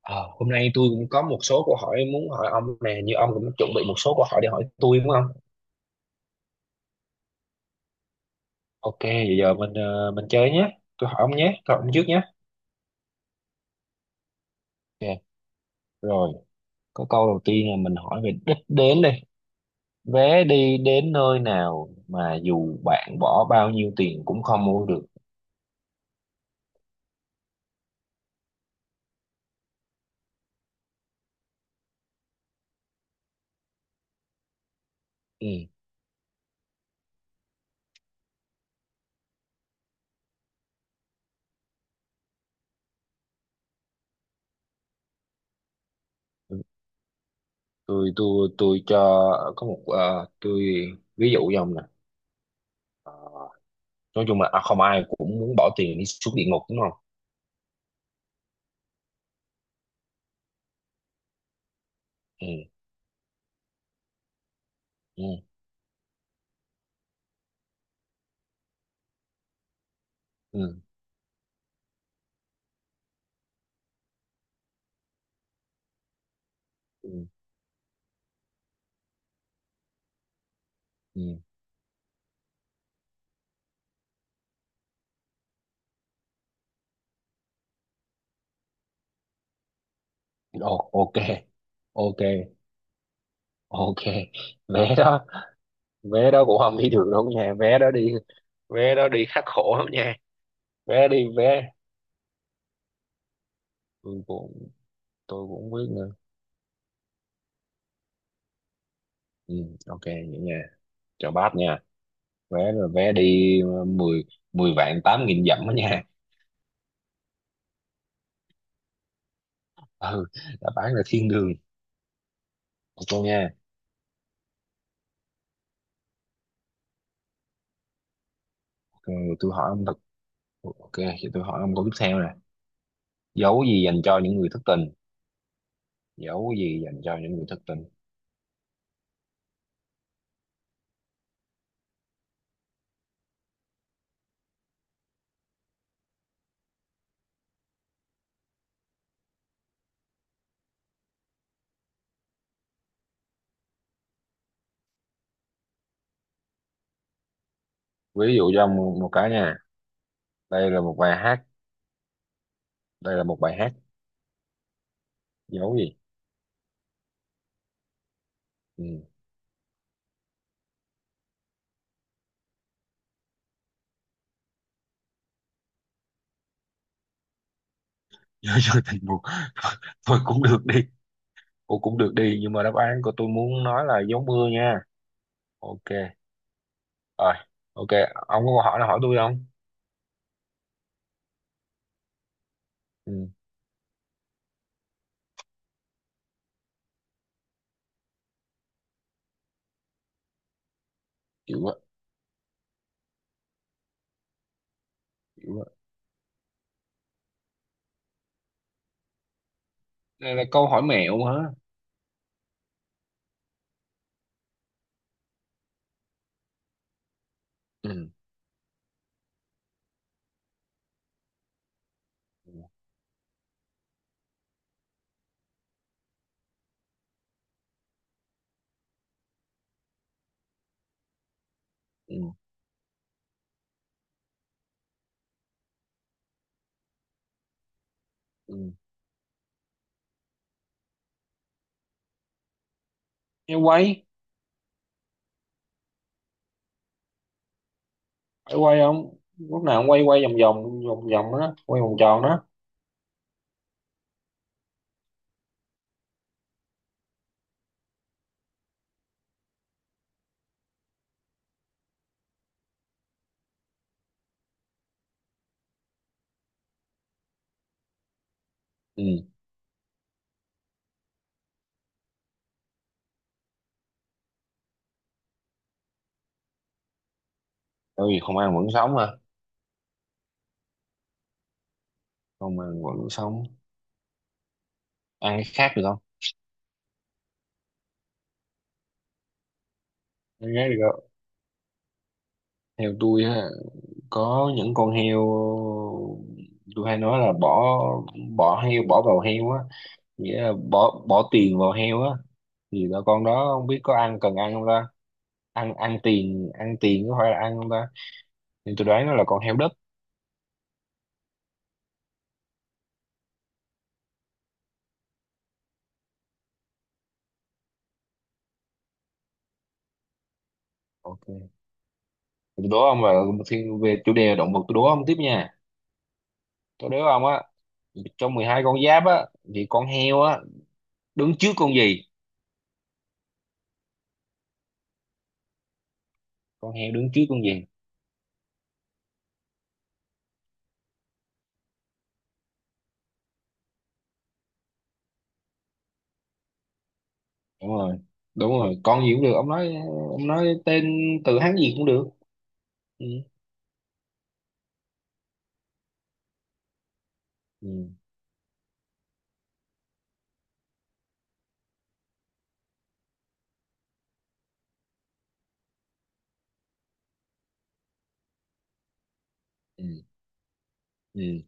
Ờ, Hôm nay tôi cũng có một số câu hỏi muốn hỏi ông nè, như ông cũng chuẩn bị một số câu hỏi để hỏi tôi đúng không? Ok, vậy giờ mình chơi nhé. Tôi hỏi ông nhé, tôi hỏi ông trước nhé. Ok, rồi, có câu đầu tiên là mình hỏi về đích đến đây. Vé đi đến nơi nào mà dù bạn bỏ bao nhiêu tiền cũng không mua được. Ừ. Tôi cho có một ờ, tôi ví dụ cho ông nè. Nói chung là không ai cũng muốn bỏ tiền đi xuống địa ngục đúng không? Ừ. Ừ. Ừ. Ừ. Ừ. Ồ, ok. Ok. Ok, vé đó, vé đó cũng không đi được đâu nha, vé đó đi, vé đó đi khắc khổ lắm nha, vé đi vé. tôi cũng tôi cũng không biết nữa. Ừ, ok vậy nha, chào bác nha. Vé là vé đi ờ, 10 10 vạn tám nghìn dặm đó nha. Ừ, đã bán là thiên đường. Ok nha. Ok, tôi hỏi ông thật. Ok, thì tôi hỏi ông câu tiếp theo nè. Dấu gì dành cho những người thất tình? Dấu gì dành cho những người thất tình? Ví dụ cho ông một cái nha. Đây là một bài hát. Đây là một bài hát. Dấu gì? Ừ. giờ giờ thì một. Thôi cũng được đi, cô cũng được đi, nhưng mà đáp án của tôi muốn nói là gió mưa nha. Ok. Rồi. Ok. Ông có câu hỏi nào hỏi tôi không? Ừ. Chịu quá. Chịu quá. Đây là câu hỏi mẹo hả? Ừ. Ừ. Ừ. Ừ. Em quay. Phải quay không, lúc nào cũng quay, quay vòng vòng vòng vòng đó, quay vòng tròn đó. Ừ, tại vì không ăn vẫn sống mà. Không ăn vẫn sống. Ăn cái khác được không? Ăn cái khác được không? Theo tôi á, có những con heo tôi hay nói là bỏ bỏ heo bỏ vào heo á, nghĩa là bỏ bỏ tiền vào heo á, thì là con đó không biết có cần ăn không ta. Ăn ăn tiền ăn tiền có phải là ăn không ta? Thì tôi đoán nó là con heo đất. Ok, tôi đố ông là về chủ đề động vật tôi đố ông tiếp nha. Tôi đố ông á, trong 12 con giáp á, thì con heo á đứng trước con gì? Con heo đứng trước con gì? Đúng rồi. Đúng rồi, con gì cũng được, ông nói. Ông nói tên từ Hán gì cũng được. Ừ. Ừ. Ừ. Ừ.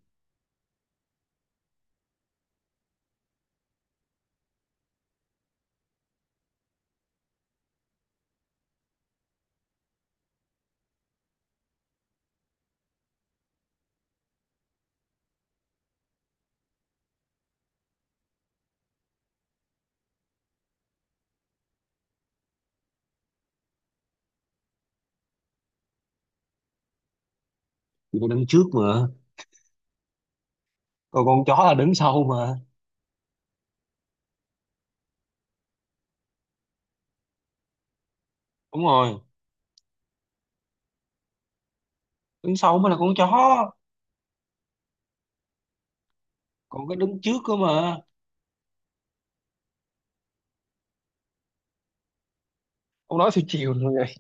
Đúng rồi đó. Con đúng rồi, đứng sau mới là con chó. Còn cái đứng trước cơ mà. Ông nói theo chiều rồi vậy.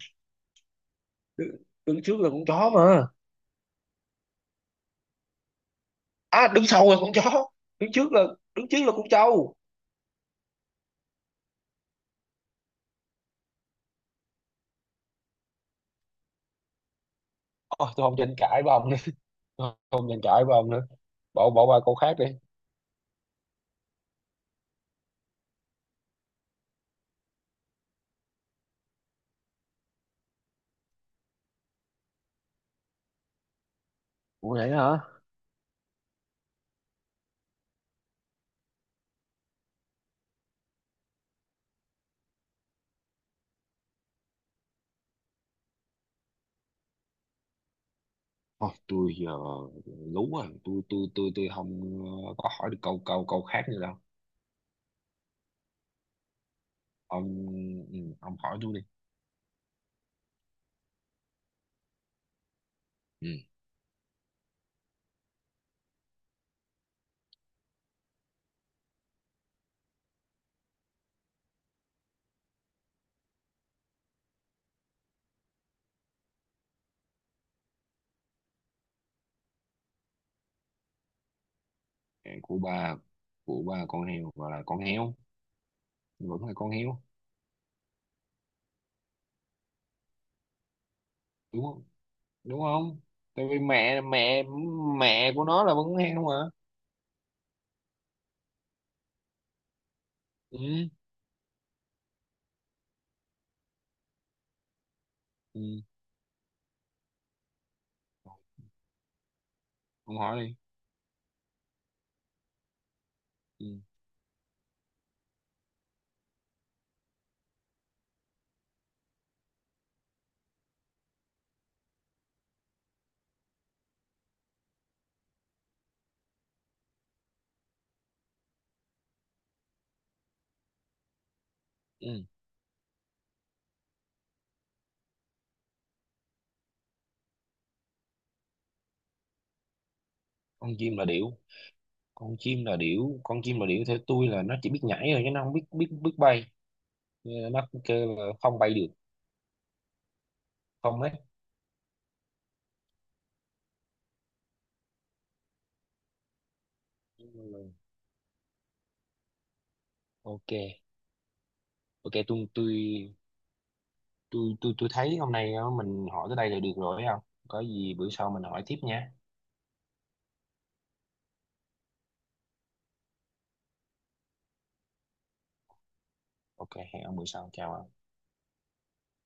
đứng, đứng trước là con chó mà. À, đứng sau là con chó. Đứng trước là, đứng trước là con trâu. Ôi, tôi không tranh cãi với ông nữa. Tôi không tranh cãi với ông nữa, bỏ bỏ qua câu khác đi. Ủa vậy hả? Ôi, tôi giờ lú rồi, tôi không có hỏi được câu câu câu khác nữa đâu. Ông. Ông hỏi tôi đi. Ừ. Của ba, của ba con heo gọi là con heo, vẫn là con heo, đúng không? Đúng không? Tại vì mẹ mẹ mẹ của nó là vẫn con heo mà. Ừ. Ừ, ông hỏi đi. Ừ. Ừ. Con chim là điểu. Con chim là điểu. Con chim là điểu theo tôi là nó chỉ biết nhảy thôi chứ nó không biết biết biết bay. Nên nó kêu là không bay được, không đấy. Ok. Ok, tôi thấy hôm nay, mình hỏi tới đây là được rồi, thấy không? Có gì bữa sau mình hỏi tiếp nha. Ok, hẹn ông bữa sau, chào ông.